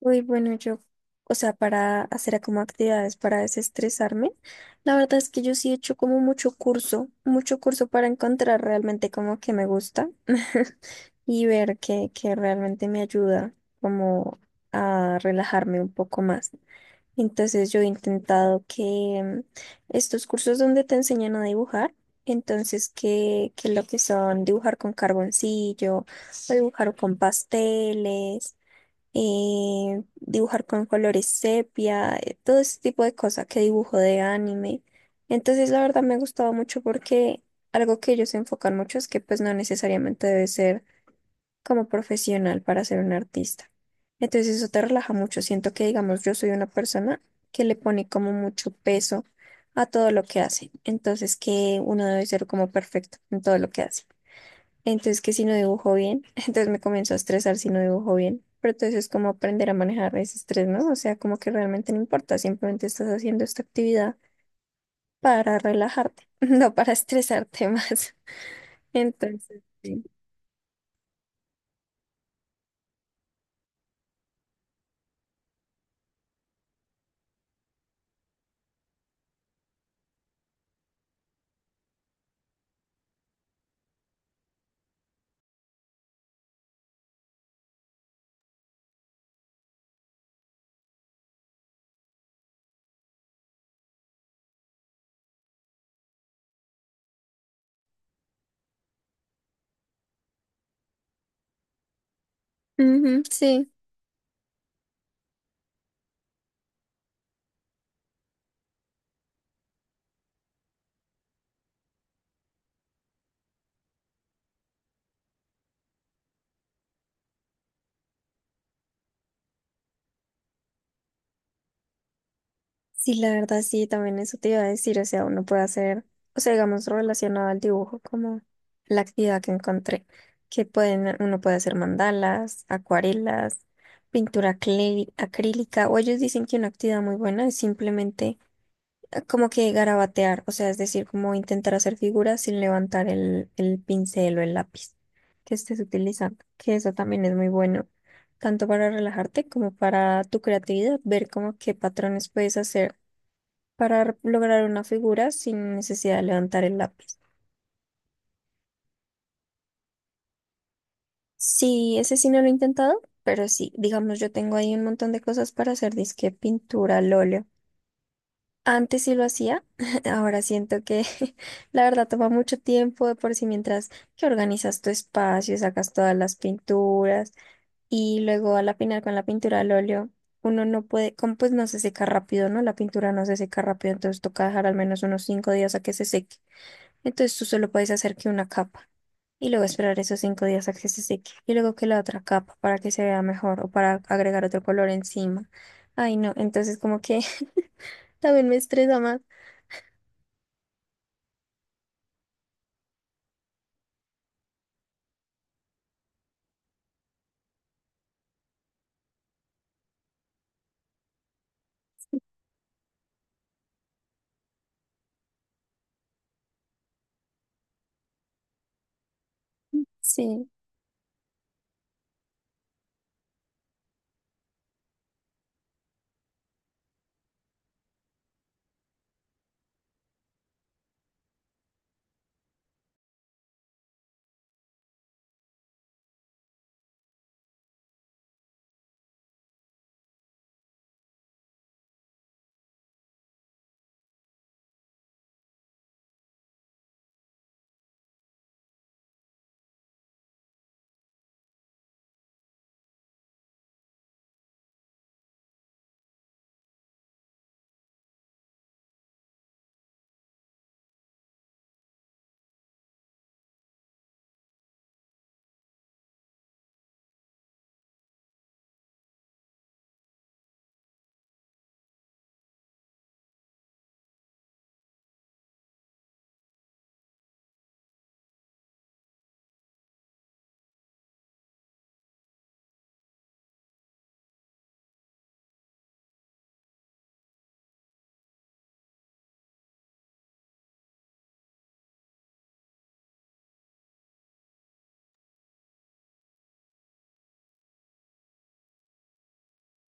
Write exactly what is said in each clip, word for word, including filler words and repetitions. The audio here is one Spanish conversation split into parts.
Uy, bueno, yo, o sea, para hacer como actividades para desestresarme, la verdad es que yo sí he hecho como mucho curso, mucho curso para encontrar realmente como que me gusta y ver que, que realmente me ayuda como a relajarme un poco más. Entonces yo he intentado que mm, estos cursos donde te enseñan a dibujar, entonces que, que lo que son dibujar con carboncillo o dibujar con pasteles eh, dibujar con colores sepia, eh, todo ese tipo de cosas que dibujo de anime. Entonces, la verdad me gustaba mucho porque algo que ellos se enfocan mucho es que pues no necesariamente debes ser como profesional para ser un artista. Entonces, eso te relaja mucho. Siento que, digamos, yo soy una persona que le pone como mucho peso a todo lo que hace. Entonces, que uno debe ser como perfecto en todo lo que hace. Entonces, que si no dibujo bien, entonces me comienzo a estresar si no dibujo bien. Pero entonces es como aprender a manejar ese estrés, ¿no? O sea, como que realmente no importa, simplemente estás haciendo esta actividad para relajarte, no para estresarte más. Entonces, sí. Ujú, sí. Sí, la verdad sí, también eso te iba a decir, o sea, uno puede hacer, o sea, digamos, relacionado al dibujo como la actividad que encontré, que pueden, uno puede hacer mandalas, acuarelas, pintura aclé- acrílica, o ellos dicen que una actividad muy buena es simplemente eh, como que garabatear, o sea, es decir, como intentar hacer figuras sin levantar el, el pincel o el lápiz que estés utilizando, que eso también es muy bueno, tanto para relajarte como para tu creatividad, ver como qué patrones puedes hacer para lograr una figura sin necesidad de levantar el lápiz. Sí, ese sí no lo he intentado, pero sí, digamos, yo tengo ahí un montón de cosas para hacer, disque pintura al óleo. Antes sí lo hacía, ahora siento que la verdad toma mucho tiempo de por sí mientras que organizas tu espacio, sacas todas las pinturas y luego al final con la pintura al óleo uno no puede, como pues no se seca rápido, ¿no? La pintura no se seca rápido, entonces toca dejar al menos unos cinco días a que se seque. Entonces tú solo puedes hacer que una capa. Y luego esperar esos cinco días a que se seque. Y luego que la otra capa para que se vea mejor o para agregar otro color encima. Ay, no, entonces como que también me estresa más. Sí,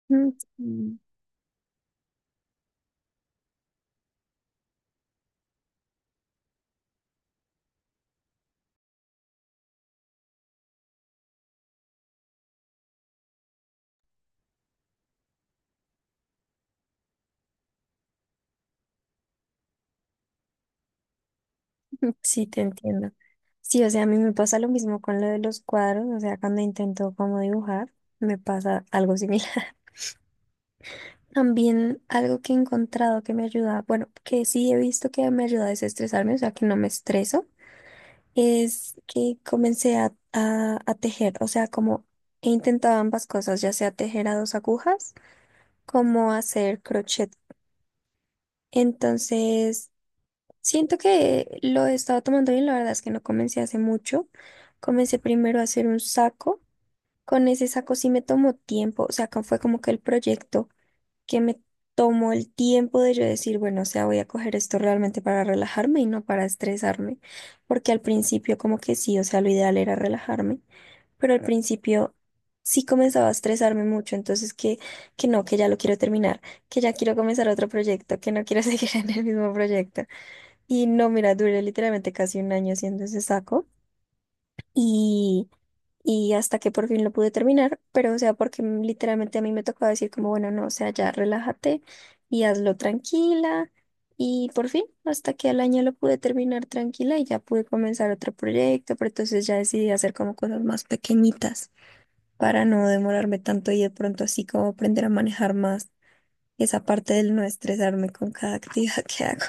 mm, sí, sí, te entiendo. Sí, o sea, a mí me pasa lo mismo con lo de los cuadros, o sea, cuando intento como dibujar, me pasa algo similar. También algo que he encontrado que me ayuda, bueno, que sí he visto que me ayuda a desestresarme, o sea, que no me estreso es que comencé a, a- a tejer, o sea, como he intentado ambas cosas, ya sea tejer a dos agujas como hacer crochet. Entonces, siento que lo he estado tomando bien, la verdad es que no comencé hace mucho. Comencé primero a hacer un saco. Con ese saco sí me tomó tiempo, o sea, como- fue como que el proyecto que me tomó el tiempo de yo decir, bueno, o sea, voy a coger esto realmente para relajarme y no para estresarme, porque al principio como que sí, o sea, lo ideal era relajarme, pero al principio sí comenzaba a estresarme mucho, entonces que, que no, que ya lo quiero terminar, que ya quiero comenzar otro proyecto, que no quiero seguir en el mismo proyecto. Y no, mira, duré literalmente casi un año haciendo ese saco y, y hasta que por fin lo pude terminar, pero o sea, porque m- literalmente a mí me tocaba decir como, bueno, no, o sea, ya relájate y hazlo tranquila. Y por fin, hasta que al año lo pude terminar tranquila y ya pude comenzar otro proyecto, pero entonces ya decidí hacer como cosas más pequeñitas para no demorarme tanto y de pronto así como aprender a manejar más esa parte del no estresarme con cada actividad que hago.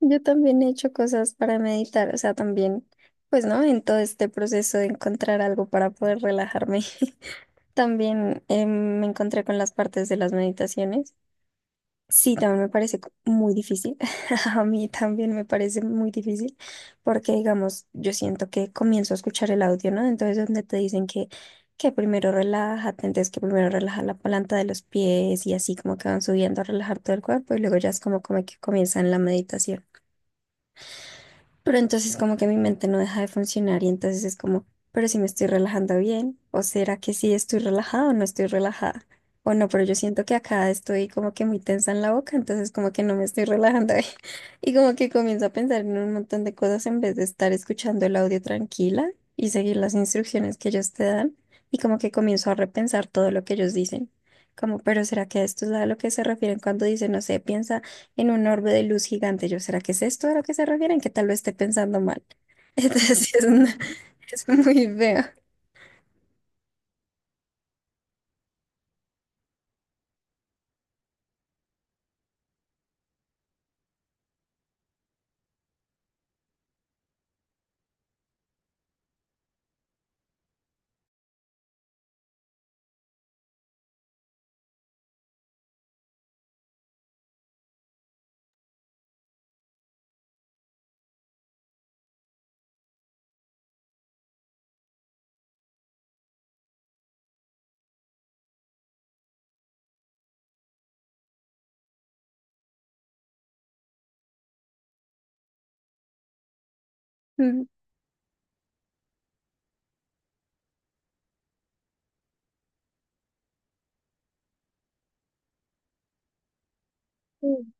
Yo también he hecho cosas para meditar, o sea, también, pues, ¿no? En todo este proceso de encontrar algo para poder relajarme. También eh, me encontré con las partes de las meditaciones. Sí, también me parece co- muy difícil. A mí también me parece muy difícil porque, digamos, yo siento que comienzo a escuchar el audio, ¿no? Entonces, donde te dicen que, que primero relájate, entonces que primero relaja la planta de los pies y así como que van subiendo a relajar todo el cuerpo y luego ya es como, como que comienzan la meditación. Pero entonces como que mi mente no deja de funcionar y entonces es como, pero si me estoy relajando bien, o será que sí estoy relajada o no estoy relajada, o no, pero yo siento que acá estoy como que muy tensa en la boca, entonces como que no me estoy relajando bien. Y como que comienzo a pensar en un montón de cosas en vez de estar escuchando el audio tranquila y seguir las instrucciones que ellos te dan y como que comienzo a repensar todo lo que ellos dicen. Como, pero ¿será que a esto es a lo que se refieren cuando dicen, no sé, piensa en un orbe de luz gigante? Yo, ¿será que es esto a lo que se refieren? Que tal vez esté pensando mal. Entonces, sí, es, una- es muy feo. Mm, sí,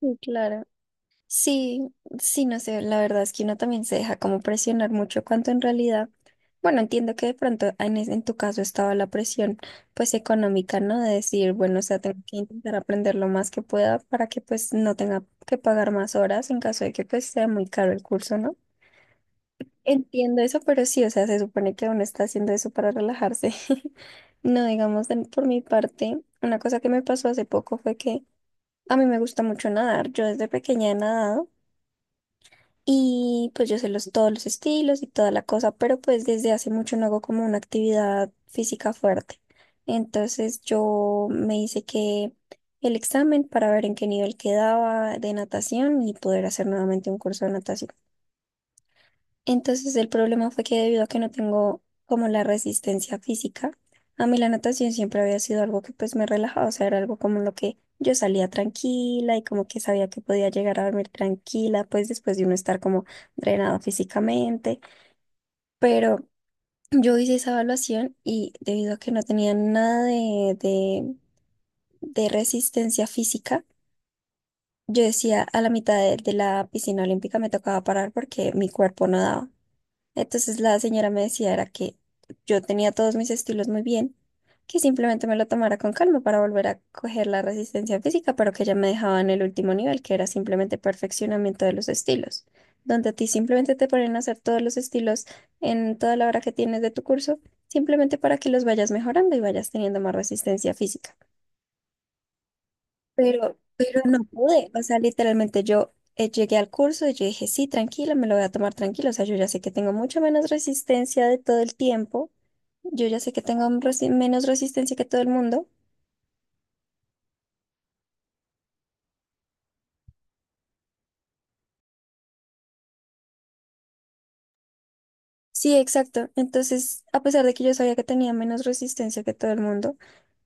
sí, claro. Sí, sí, no sé, la verdad es que uno también se deja como presionar mucho cuanto en realidad, bueno, entiendo que de pronto en, es- en tu caso estaba la presión pues económica, ¿no? De decir, bueno, o sea, tengo que intentar aprender lo más que pueda para que pues no tenga que pagar más horas en caso de que pues sea muy caro el curso, ¿no? Entiendo eso, pero sí, o sea, se supone que uno está haciendo eso para relajarse. No, digamos, de- por mi parte, una cosa que me pasó hace poco fue que a mí me gusta mucho nadar. Yo desde pequeña he nadado y pues yo sé los, todos los estilos y toda la cosa, pero pues desde hace mucho no hago como una actividad física fuerte. Entonces yo me hice que el examen para ver en qué nivel quedaba de natación y poder hacer nuevamente un curso de natación. Entonces el problema fue que debido a que no tengo como la resistencia física, a mí la natación siempre había sido algo que pues me relajaba, o sea, era algo como lo que yo salía tranquila y como que sabía que podía llegar a dormir tranquila, pues después de uno estar como drenado físicamente, pero yo hice esa evaluación y debido a que no tenía nada de, de, de resistencia física, yo decía a la mitad de de la piscina olímpica me tocaba parar porque mi cuerpo no daba. Entonces la señora me decía era que yo tenía todos mis estilos muy bien, que simplemente me lo tomara con calma para volver a coger la resistencia física, pero que ella me dejaba en el último nivel, que era simplemente perfeccionamiento de los estilos, donde a ti simplemente te ponen a hacer todos los estilos en toda la hora que tienes de tu curso, simplemente para que los vayas mejorando y vayas teniendo más resistencia física. Pero, pero no pude, o sea, literalmente yo eh, llegué al curso y yo dije, sí, tranquila me lo voy a tomar tranquilo, o sea, yo ya sé que tengo mucho menos resistencia de todo el tiempo, yo ya sé que tengo un resi- menos resistencia que todo el mundo. Sí, exacto. Entonces, a pesar de que yo sabía que tenía menos resistencia que todo el mundo,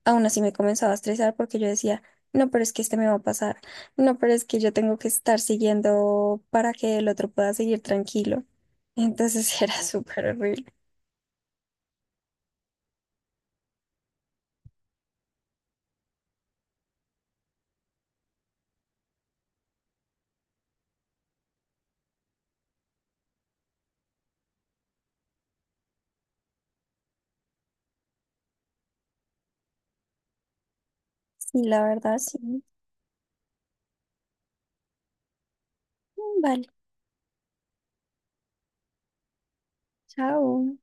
aún así me comenzaba a estresar porque yo decía, no, pero es que este me va a pasar, no, pero es que yo tengo que estar siguiendo para que el otro pueda seguir tranquilo. Entonces era súper horrible. Sí, la verdad, sí. Vale, chao.